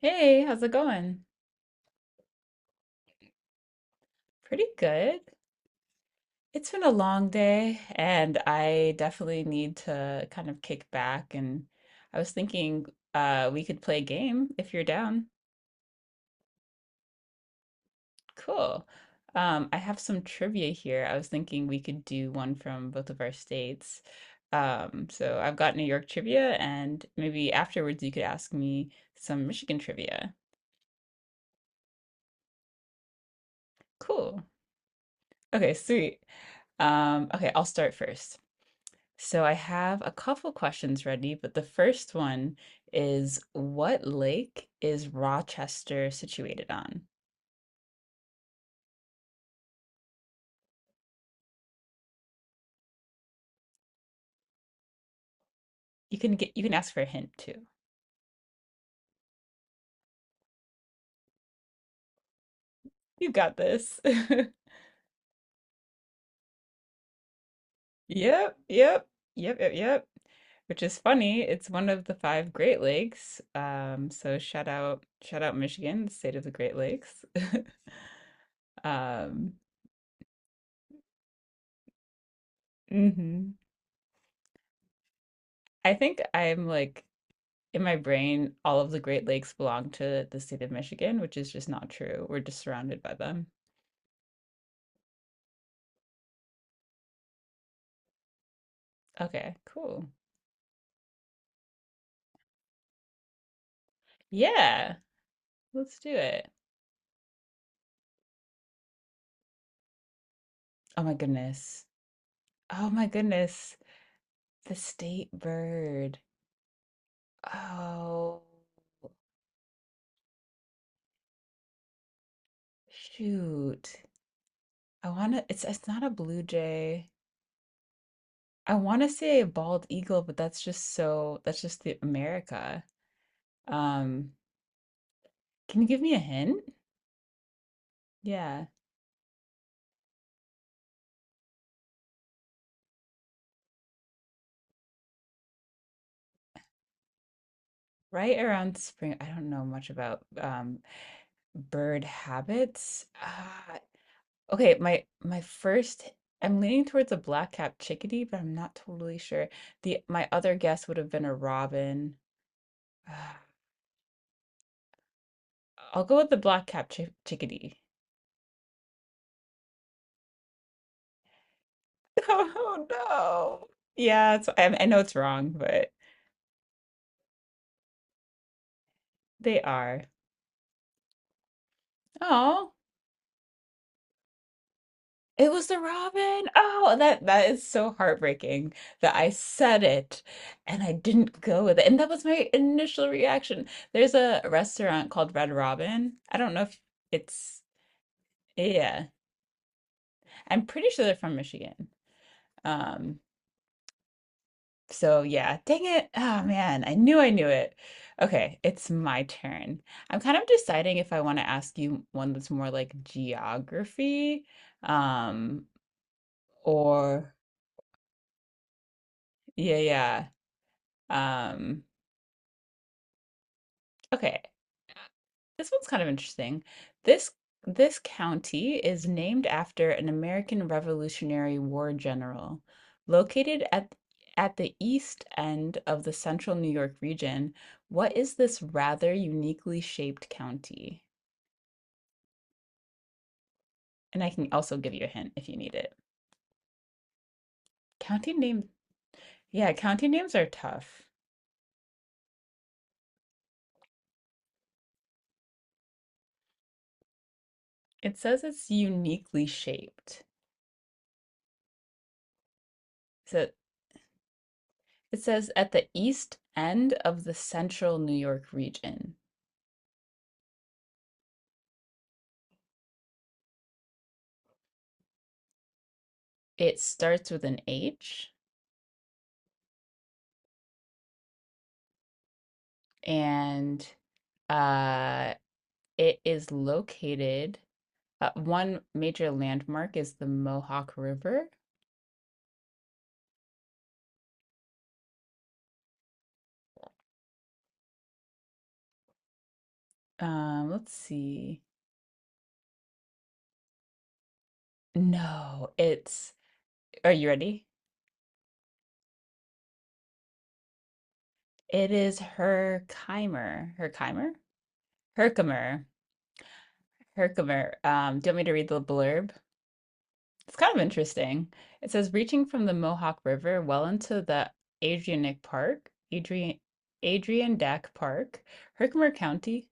Hey, how's it going? Pretty good. It's been a long day, and I definitely need to kind of kick back. And I was thinking we could play a game if you're down. Cool. I have some trivia here. I was thinking we could do one from both of our states. So I've got New York trivia, and maybe afterwards you could ask me some Michigan trivia. Cool. Okay, sweet. Okay, I'll start first. So I have a couple questions ready, but the first one is what lake is Rochester situated on? You can ask for a hint too. You got this. Yep, yep, yep, yep, yep. Which is funny. It's one of the 5 Great Lakes. So shout out Michigan, the state of the Great Lakes. Um, mhm. I think I'm like In my brain, all of the Great Lakes belong to the state of Michigan, which is just not true. We're just surrounded by them. Okay, cool. Yeah, let's do it. Oh my goodness. Oh my goodness. The state bird. Oh, shoot. It's not a blue jay. I want to say a bald eagle, but that's just the America. Um, can you give me a hint? Yeah. Right around spring, I don't know much about bird habits? Ah, okay, my first I'm leaning towards a black-capped chickadee, but I'm not totally sure. The My other guess would have been a robin. Ah, I'll go with the black-capped chickadee. Oh no. Yeah, it's, I, I know it's wrong, but they are. Oh. It was the robin. Oh, that is so heartbreaking that I said it and I didn't go with it. And that was my initial reaction. There's a restaurant called Red Robin. I don't know if it's yeah. I'm pretty sure they're from Michigan. Um, so yeah, dang it. Oh man, I knew it. Okay, it's my turn. I'm kind of deciding if I want to ask you one that's more like geography, um, or yeah. Um Okay, this one's kind of interesting. This this county is named after an American Revolutionary War general. Located at the east end of the central New York region, what is this rather uniquely shaped county? And I can also give you a hint if you need it. County name, yeah, county names are tough. It says it's uniquely shaped. So it says at the east end of the central New York region. It starts with an H and, uh, it is located one major landmark is the Mohawk River. Let's see. No, it's are you ready? It is Herkimer. Herkimer? Herkimer. Herkimer. Do you want me to read the blurb? It's kind of interesting. It says reaching from the Mohawk River well into the Adirondack Park, Adrian Adirondack Park, Herkimer County,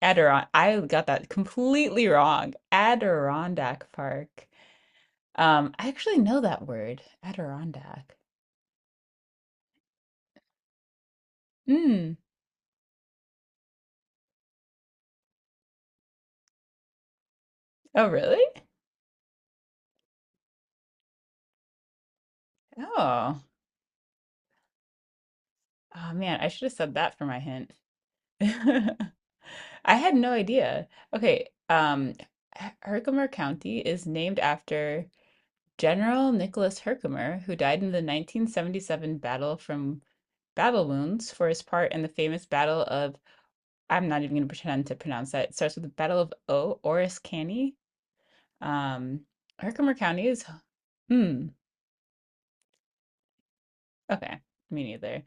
Adiron. I got that completely wrong. Adirondack Park. I actually know that word, Adirondack. Mm. Oh, really? Oh. Oh man, I should have said that for my hint. I had no idea. Okay, H- Herkimer County is named after. General Nicholas Herkimer, who died in the 1977 battle from battle wounds for his part in the famous Battle of, I'm not even going to pretend to pronounce that. It starts with the Battle of O, Oris Canny. Um, Herkimer County is, hmm, okay, me neither.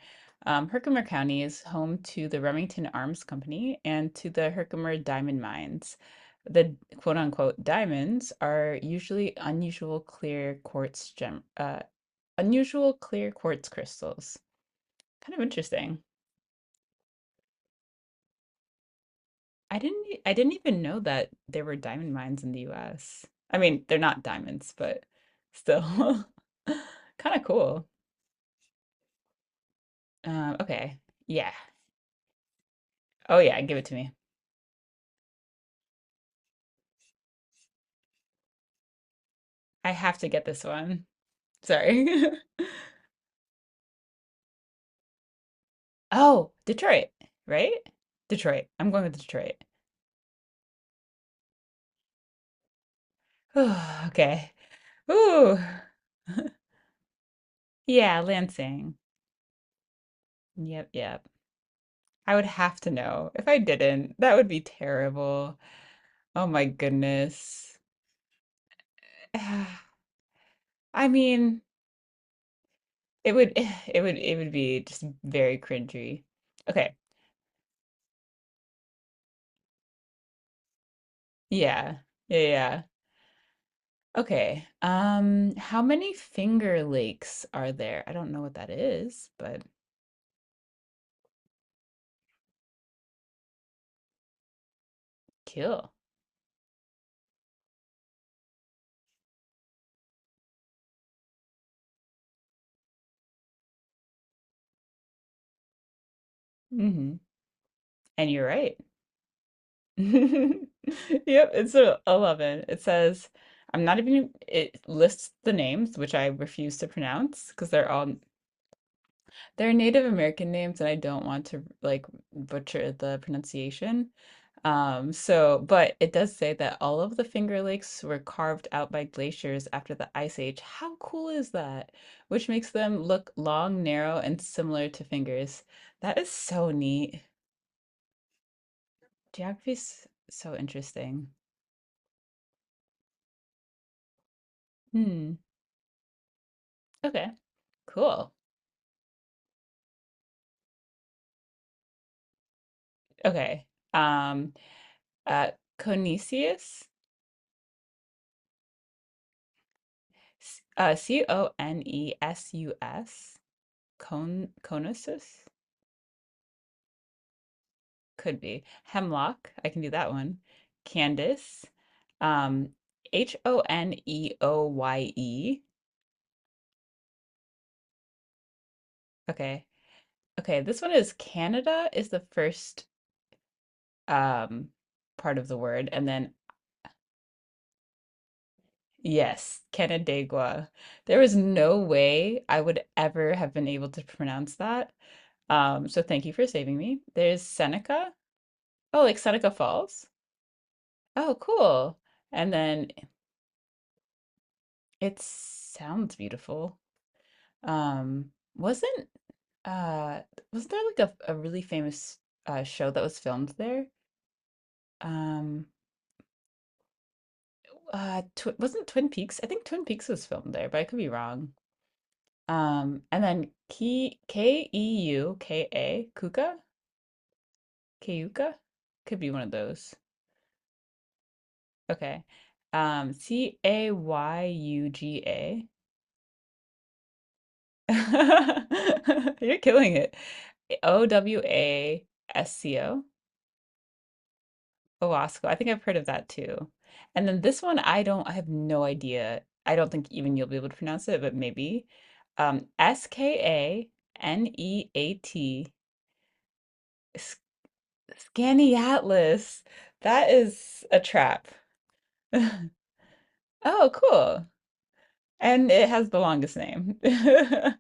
Herkimer County is home to the Remington Arms Company and to the Herkimer Diamond Mines. The quote unquote diamonds are usually unusual clear quartz crystals. Kind of interesting. I didn't even know that there were diamond mines in the US. I mean, they're not diamonds, but still kind of cool. Okay. Yeah. Oh yeah, give it to me. I have to get this one. Sorry. Oh, Detroit, right? Detroit. I'm going with Detroit. Okay. Ooh. Yeah, Lansing. Yep, yep. I would have to know. If I didn't, that would be terrible. Oh my goodness. I mean, it would it would be just very cringy. Okay. Yeah. Yeah, yeah. Okay. How many Finger Lakes are there? I don't know what that is, but kill. Hmm. And you're right. Yep, it's a 11. It says I'm not even it lists the names, which I refuse to pronounce because they're Native American names and I don't want to like butcher the pronunciation. But it does say that all of the Finger Lakes were carved out by glaciers after the Ice Age. How cool is that? Which makes them look long, narrow, and similar to fingers. That is so neat. Geography's so interesting. Hmm. Okay. Cool. Okay. Um, uh, Conesius, Conesus, Conesus? Could be. Hemlock, I can do that one. Candace. Um, Honeoye. Okay. Okay, this one is Canada is the first um part of the word, and then yes, Canandaigua. There was no way I would ever have been able to pronounce that. So thank you for saving me. There's Seneca. Oh, like Seneca Falls. Oh, cool. And then it sounds beautiful. Um, wasn't uh wasn't there like a really famous show that was filmed there? Um, tw wasn't Twin Peaks? I think Twin Peaks was filmed there, but I could be wrong. And then KKEUKA Kuka Keuka could be one of those. Okay. Cayuga. You're killing it. Owasco. Owasco. I think I've heard of that too. And then this one, I have no idea. I don't think even you'll be able to pronounce it, but maybe. Skaneat, S- Scaniatlas. That is a trap. Oh, cool. And it has the longest name.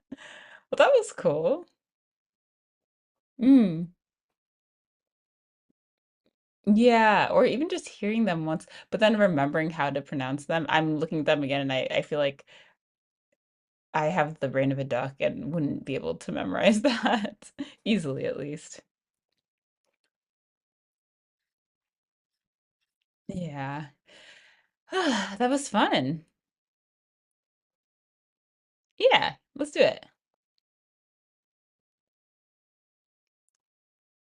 Well, that was cool. Mm. Yeah, or even just hearing them once, but then remembering how to pronounce them. I'm looking at them again and I feel like I have the brain of a duck and wouldn't be able to memorize that easily, at least. Yeah. That was fun. Yeah, let's do it.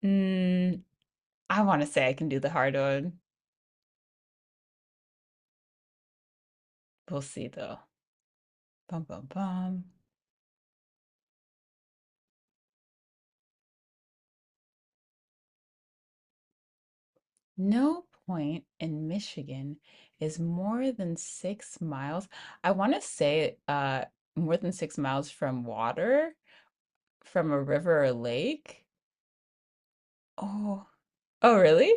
Mm, I want to say I can do the hard one. We'll see though. Bum bum bum. No point in Michigan is more than 6 miles. I want to say more than 6 miles from water, from a river or lake. Oh, oh, really?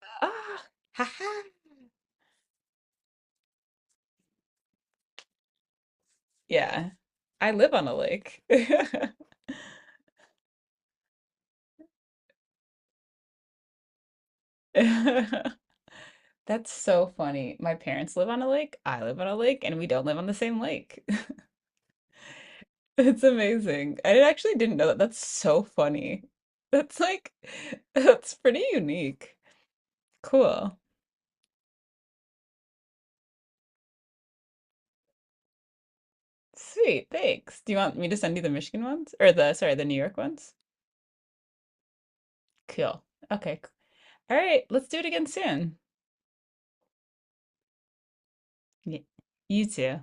Ah, haha. Yeah. I live on a lake. That's so funny. My parents live on a lake, I live on a lake, and we don't live on the same lake. It's amazing. I actually didn't know that. That's so funny. That's like, that's pretty unique. Cool. Sweet. Thanks. Do you want me to send you the Michigan ones? Or the, sorry, the New York ones? Cool. Okay. c- All right. Let's do it again soon. Y- You too.